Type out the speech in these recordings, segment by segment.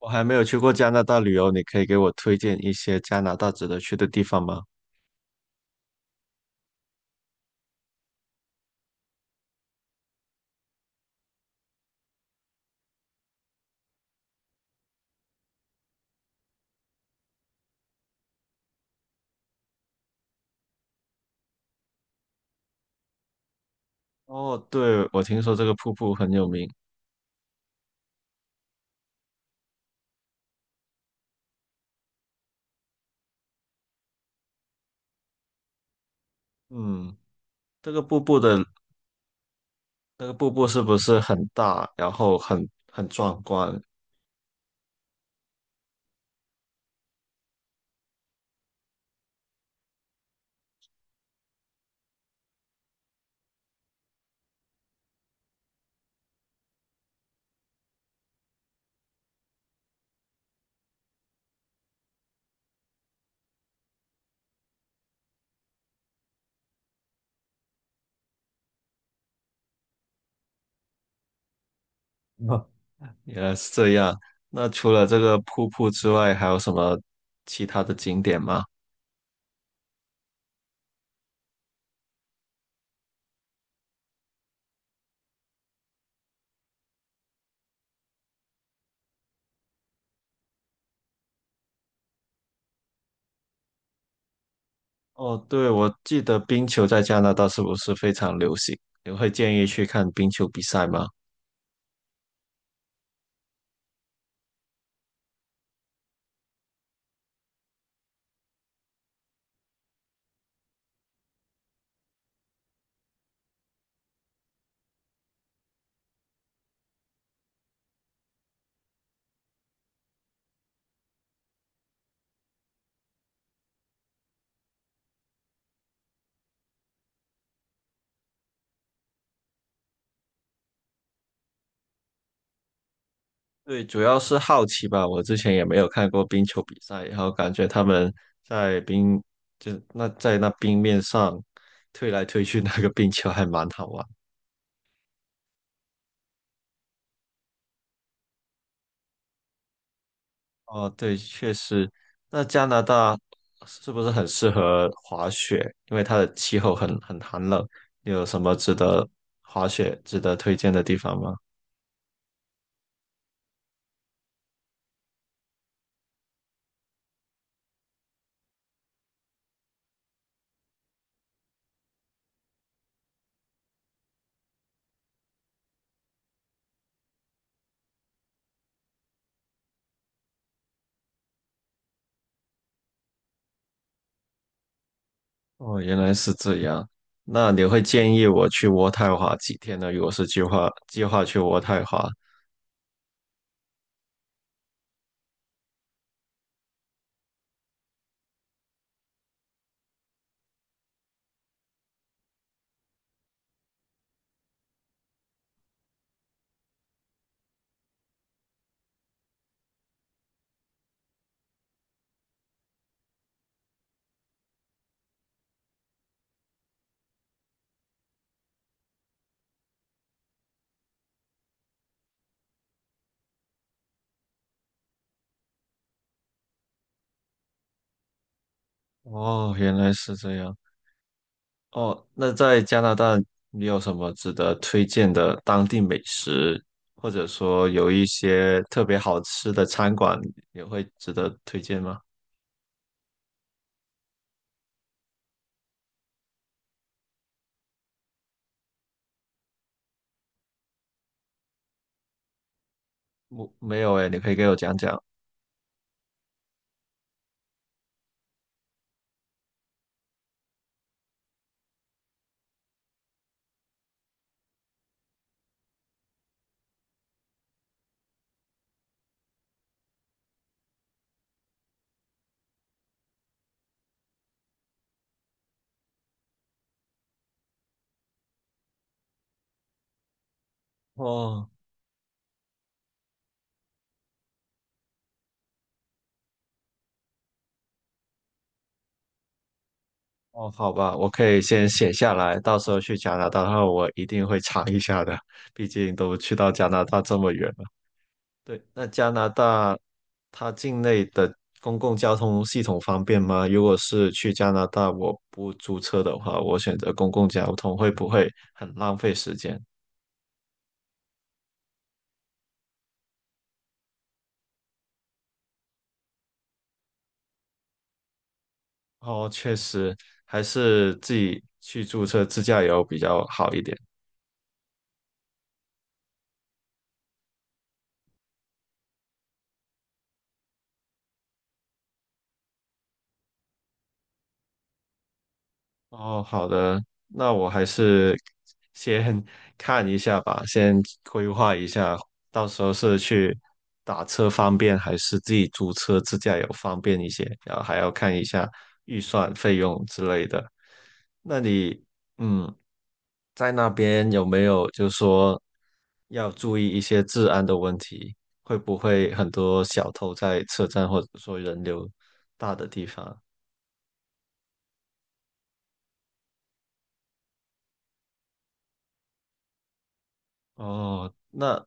我还没有去过加拿大旅游，你可以给我推荐一些加拿大值得去的地方吗？哦，对，我听说这个瀑布很有名。嗯，这个瀑布的那个瀑布是不是很大，然后很壮观？哦原来是这样。那除了这个瀑布之外，还有什么其他的景点吗？哦，对，我记得冰球在加拿大是不是非常流行？你会建议去看冰球比赛吗？对，主要是好奇吧。我之前也没有看过冰球比赛，然后感觉他们在冰，就那在那冰面上推来推去，那个冰球还蛮好玩。哦，对，确实。那加拿大是不是很适合滑雪？因为它的气候很寒冷。你有什么值得滑雪、值得推荐的地方吗？哦，原来是这样。那你会建议我去渥太华几天呢？如果是计划计划去渥太华，哦，原来是这样。哦，那在加拿大，你有什么值得推荐的当地美食，或者说有一些特别好吃的餐馆，也会值得推荐吗？我没有诶，你可以给我讲讲。哦哦，好吧，我可以先写下来，到时候去加拿大的话，我一定会尝一下的，毕竟都去到加拿大这么远。对，那加拿大它境内的公共交通系统方便吗？如果是去加拿大，我不租车的话，我选择公共交通会不会很浪费时间？哦，确实，还是自己去租车自驾游比较好一点。哦，好的，那我还是先 看一下吧，先规划一下，到时候是去打车方便，还是自己租车自驾游方便一些，然后还要看一下预算、费用之类的。那你，嗯，在那边有没有就说要注意一些治安的问题？会不会很多小偷在车站或者说人流大的地方？哦，那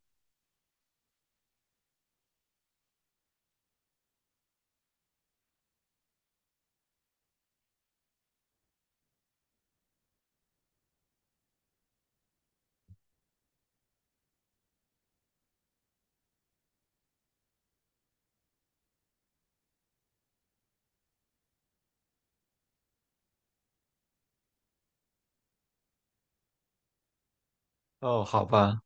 哦，好吧。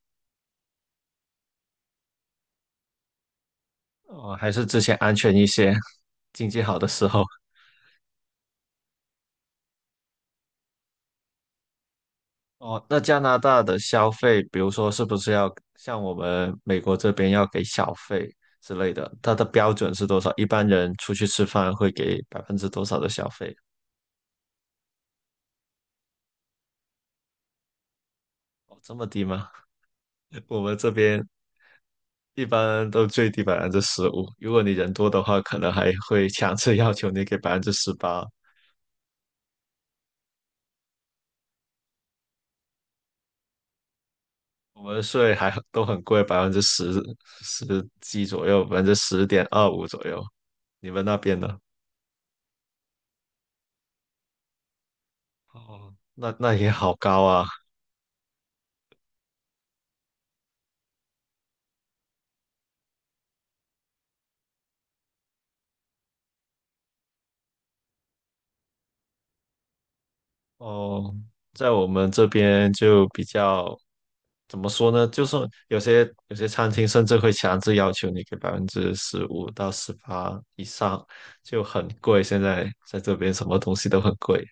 哦，还是之前安全一些，经济好的时候。哦，那加拿大的消费，比如说是不是要像我们美国这边要给小费之类的？它的标准是多少？一般人出去吃饭会给百分之多少的小费？哦，这么低吗？我们这边一般都最低百分之十五，如果你人多的话，可能还会强制要求你给18%。我们税还都很贵，百分之十几左右，10.25%左右。你们那边呢？哦，那那也好高啊。哦，在我们这边就比较怎么说呢？就是有些餐厅甚至会强制要求你给15%到18%以上，就很贵。现在在这边什么东西都很贵，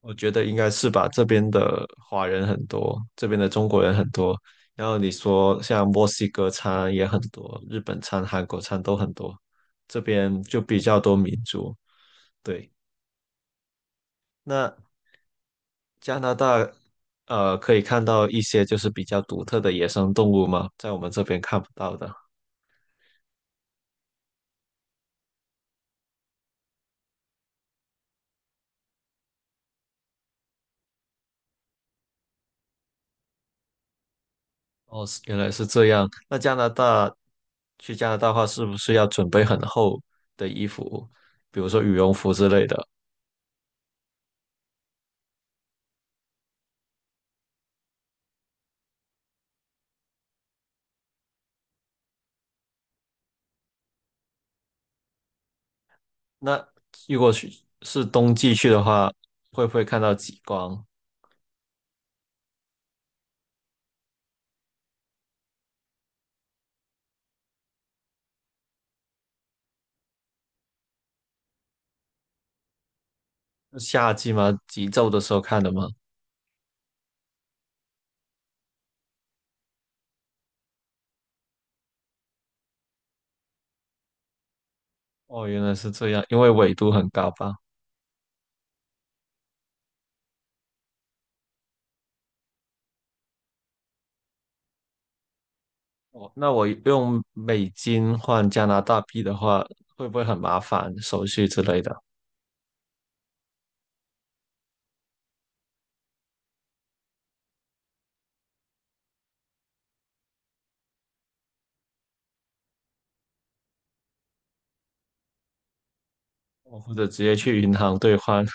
我觉得应该是吧。这边的华人很多，这边的中国人很多，然后你说像墨西哥餐也很多，日本餐、韩国餐都很多，这边就比较多民族，对。那加拿大，呃，可以看到一些就是比较独特的野生动物吗？在我们这边看不到的。哦，原来是这样。那加拿大，去加拿大的话，是不是要准备很厚的衣服，比如说羽绒服之类的？那如果去是冬季去的话，会不会看到极光？是夏季吗？极昼的时候看的吗？哦，原来是这样，因为纬度很高吧。哦，那我用美金换加拿大币的话，会不会很麻烦手续之类的？哦，或者直接去银行兑换？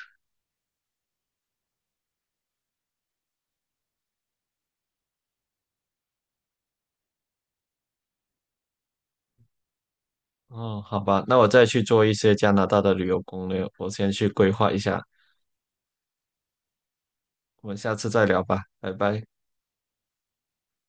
哦，好吧，那我再去做一些加拿大的旅游攻略，我先去规划一下，我们下次再聊吧，拜拜。